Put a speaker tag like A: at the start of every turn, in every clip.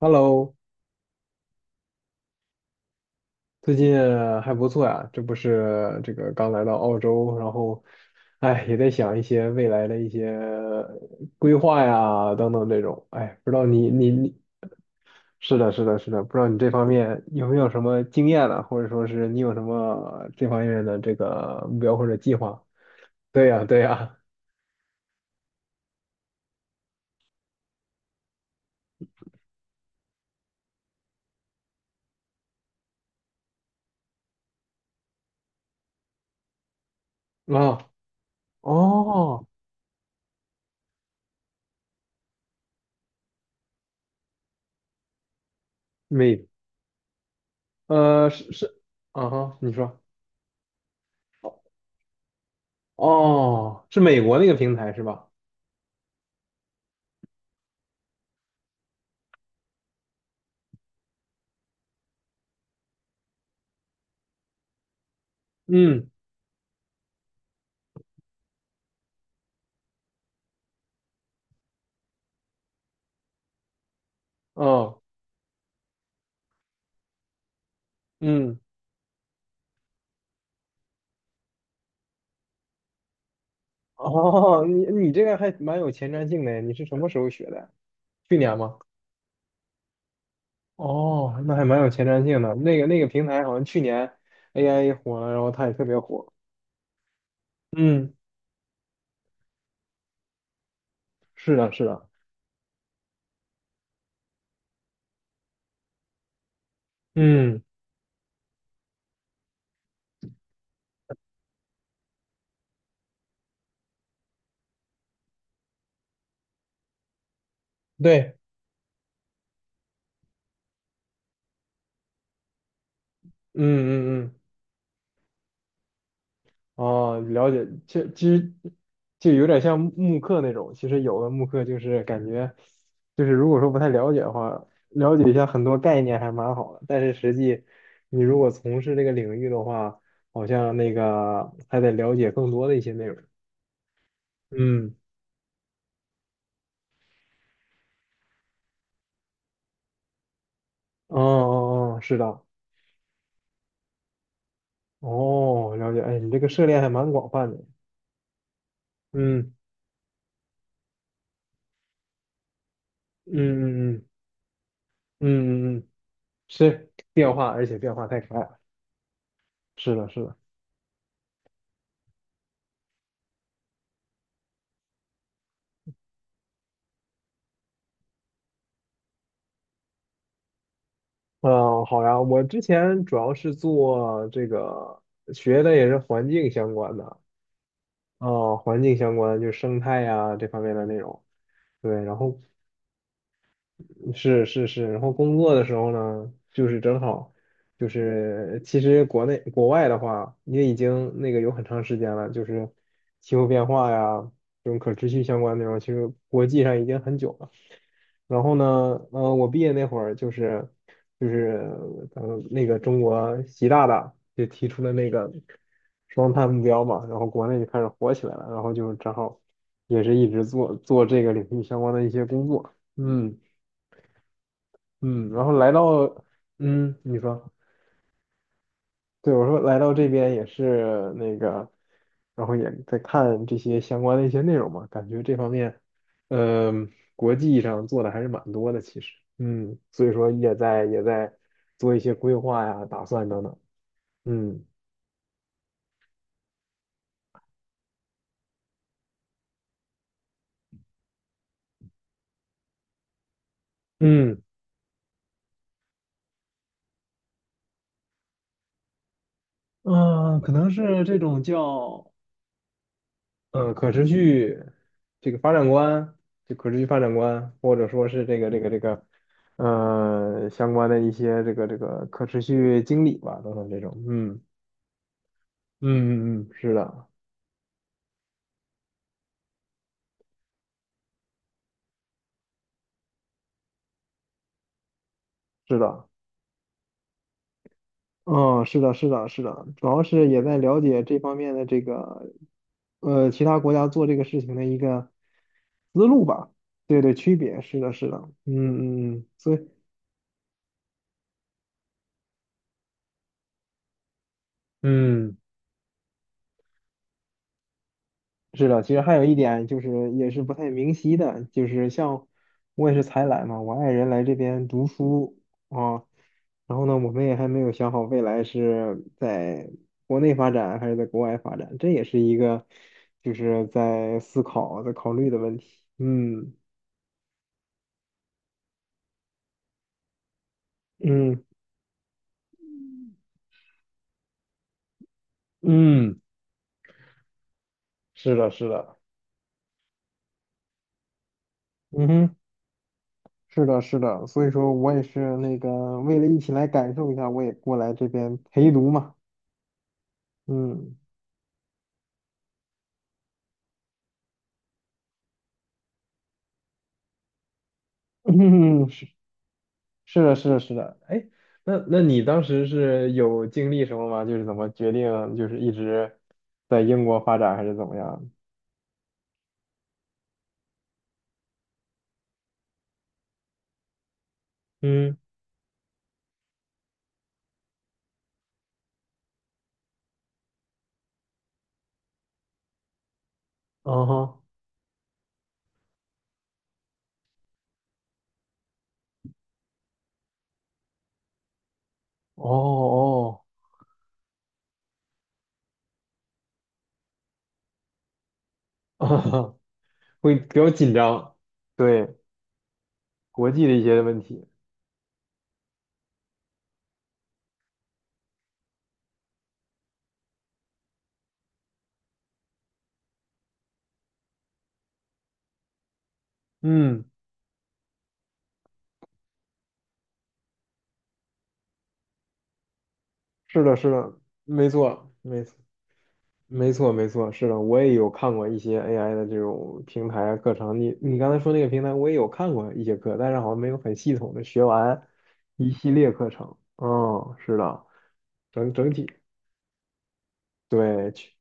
A: Hello，最近还不错呀，这不是这个刚来到澳洲，然后，哎，也在想一些未来的一些规划呀，等等这种，哎，不知道你你你，是的，是的，是的，不知道你这方面有没有什么经验呢，或者说是你有什么这方面的这个目标或者计划？对呀，对呀，啊，哦，美，是，啊哈，你说，哦，是美国那个平台是吧？嗯，哦。嗯，哦，你这个还蛮有前瞻性的，你是什么时候学的？去年吗？哦，那还蛮有前瞻性的。那个平台好像去年 AI 火了，然后它也特别火。嗯，是的，是的。嗯，对，嗯嗯嗯哦，了解，其实就有点像慕课那种。其实有的慕课就是感觉，就是如果说不太了解的话，了解一下很多概念还蛮好的。但是实际你如果从事这个领域的话，好像那个还得了解更多的一些内容。嗯，哦哦哦，是的，哦，了解。哎，你这个涉猎还蛮广泛的。嗯嗯嗯嗯嗯嗯，嗯，是变化，而且变化太快了。是的，是的。嗯，好呀，我之前主要是做这个学的也是环境相关的，哦，环境相关就是生态呀、这方面的内容。对，然后是是是，然后工作的时候呢，就是正好就是其实国内国外的话，也已经那个有很长时间了，就是气候变化呀这种可持续相关内容，其实国际上已经很久了。然后呢，我毕业那会儿就是就是那个中国习大大就提出了那个双碳目标嘛，然后国内就开始火起来了，然后就正好也是一直做做这个领域相关的一些工作，嗯嗯，然后来到嗯，你说。对，我说来到这边也是那个，然后也在看这些相关的一些内容嘛，感觉这方面，嗯、国际上做的还是蛮多的，其实，嗯，所以说也在做一些规划呀、打算等等，嗯嗯嗯，可能是这种叫可持续这个发展观，就可持续发展观，或者说是这个相关的一些这个可持续经理吧，等等这种，嗯。嗯嗯嗯，是的，是的，嗯，是的，是的，是的，主要是也在了解这方面的这个，其他国家做这个事情的一个思路吧，对对，区别，是的，是的，嗯嗯嗯，所以，嗯。是的，其实还有一点就是也是不太明晰的，就是像我也是才来嘛，我爱人来这边读书啊，然后呢，我们也还没有想好未来是在国内发展还是在国外发展，这也是一个就是在思考在考虑的问题。嗯嗯嗯，是的，是的。嗯哼，是的，是的，所以说我也是那个为了一起来感受一下，我也过来这边陪读嘛。嗯，是的，是的，是的。哎，那那你当时是有经历什么吗？就是怎么决定，就是一直在英国发展，还是怎么样？嗯，嗯哼，哦哦，会比较紧张，对，国际的一些问题。嗯，是的，是的，没错，没错。没错，没错，是的，我也有看过一些 AI 的这种平台啊课程。你刚才说那个平台，我也有看过一些课，但是好像没有很系统的学完一系列课程。嗯，是的，整体对，去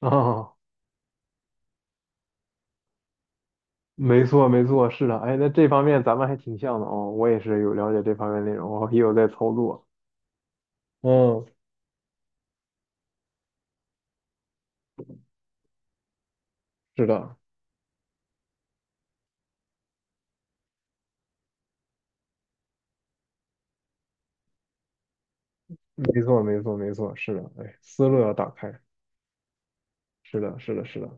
A: 哦，没错，没错，是的。哎，那这方面咱们还挺像的哦。我也是有了解这方面内容，我也有在操作。嗯，是的，没错，没错，没错，是的。哎，思路要打开。是的，是的，是的。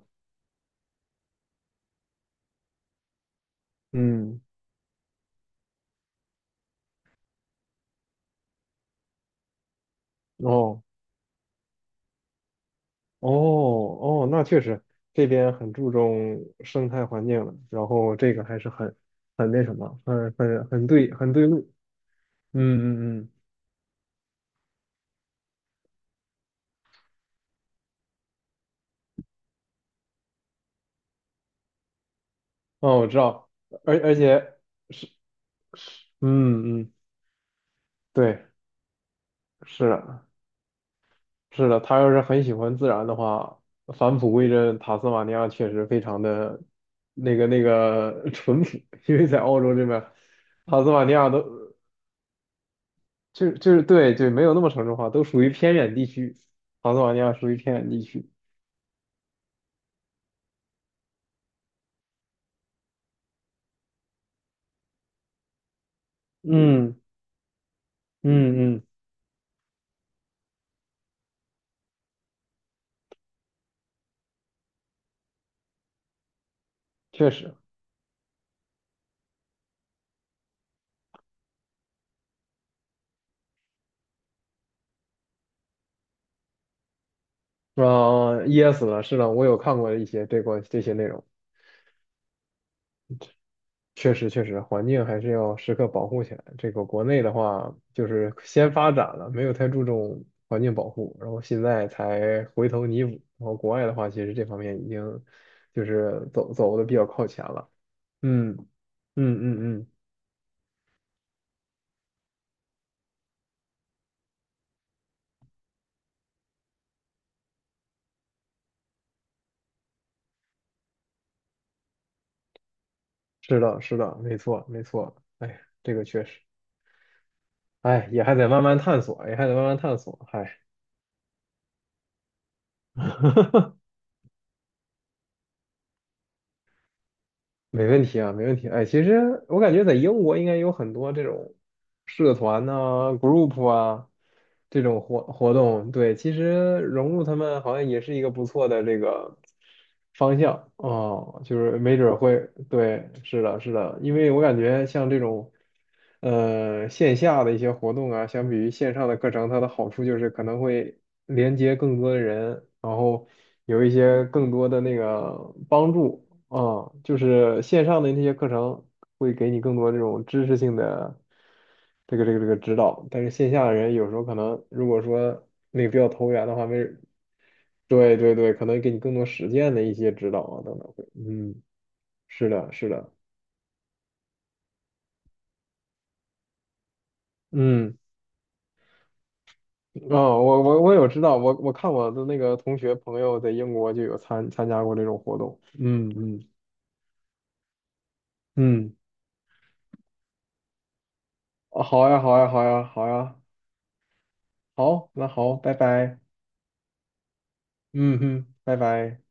A: 嗯，哦。哦哦，那确实这边很注重生态环境了，然后这个还是很很那什么，很对很对路。嗯嗯嗯，哦，我知道，而且是嗯嗯对，是的，是的，他要是很喜欢自然的话，返璞归真，塔斯马尼亚确实非常的那个淳朴，因为在澳洲这边，塔斯马尼亚都就是对对，没有那么城市化，都属于偏远地区。塔斯马尼亚属于偏远地区。嗯嗯嗯，确实。啊、噎死了。是的，我有看过一些这个这些内容，确实确实，环境还是要时刻保护起来。这个国内的话，就是先发展了，没有太注重环境保护，然后现在才回头弥补。然后国外的话，其实这方面已经就是走的比较靠前了。嗯嗯嗯嗯。是的，是的，没错，没错。哎，这个确实，哎，也还得慢慢探索，也还得慢慢探索。哎。没问题啊，没问题。哎，其实我感觉在英国应该有很多这种社团呐、group 啊这种活动。对，其实融入他们好像也是一个不错的这个方向哦，就是没准儿会，对，是的，是的，因为我感觉像这种线下的一些活动啊，相比于线上的课程，它的好处就是可能会连接更多的人，然后有一些更多的那个帮助。哦，就是线上的那些课程会给你更多这种知识性的这个这个指导，但是线下的人有时候可能如果说那个比较投缘的话，没人，对对对，可能给你更多实践的一些指导啊等等会，嗯，是的，是的，嗯，哦，我有知道，我我看我的那个同学朋友在英国就有参加过这种活动，嗯嗯嗯，啊好呀好呀好呀好呀，好，那好，拜拜，嗯哼，拜拜。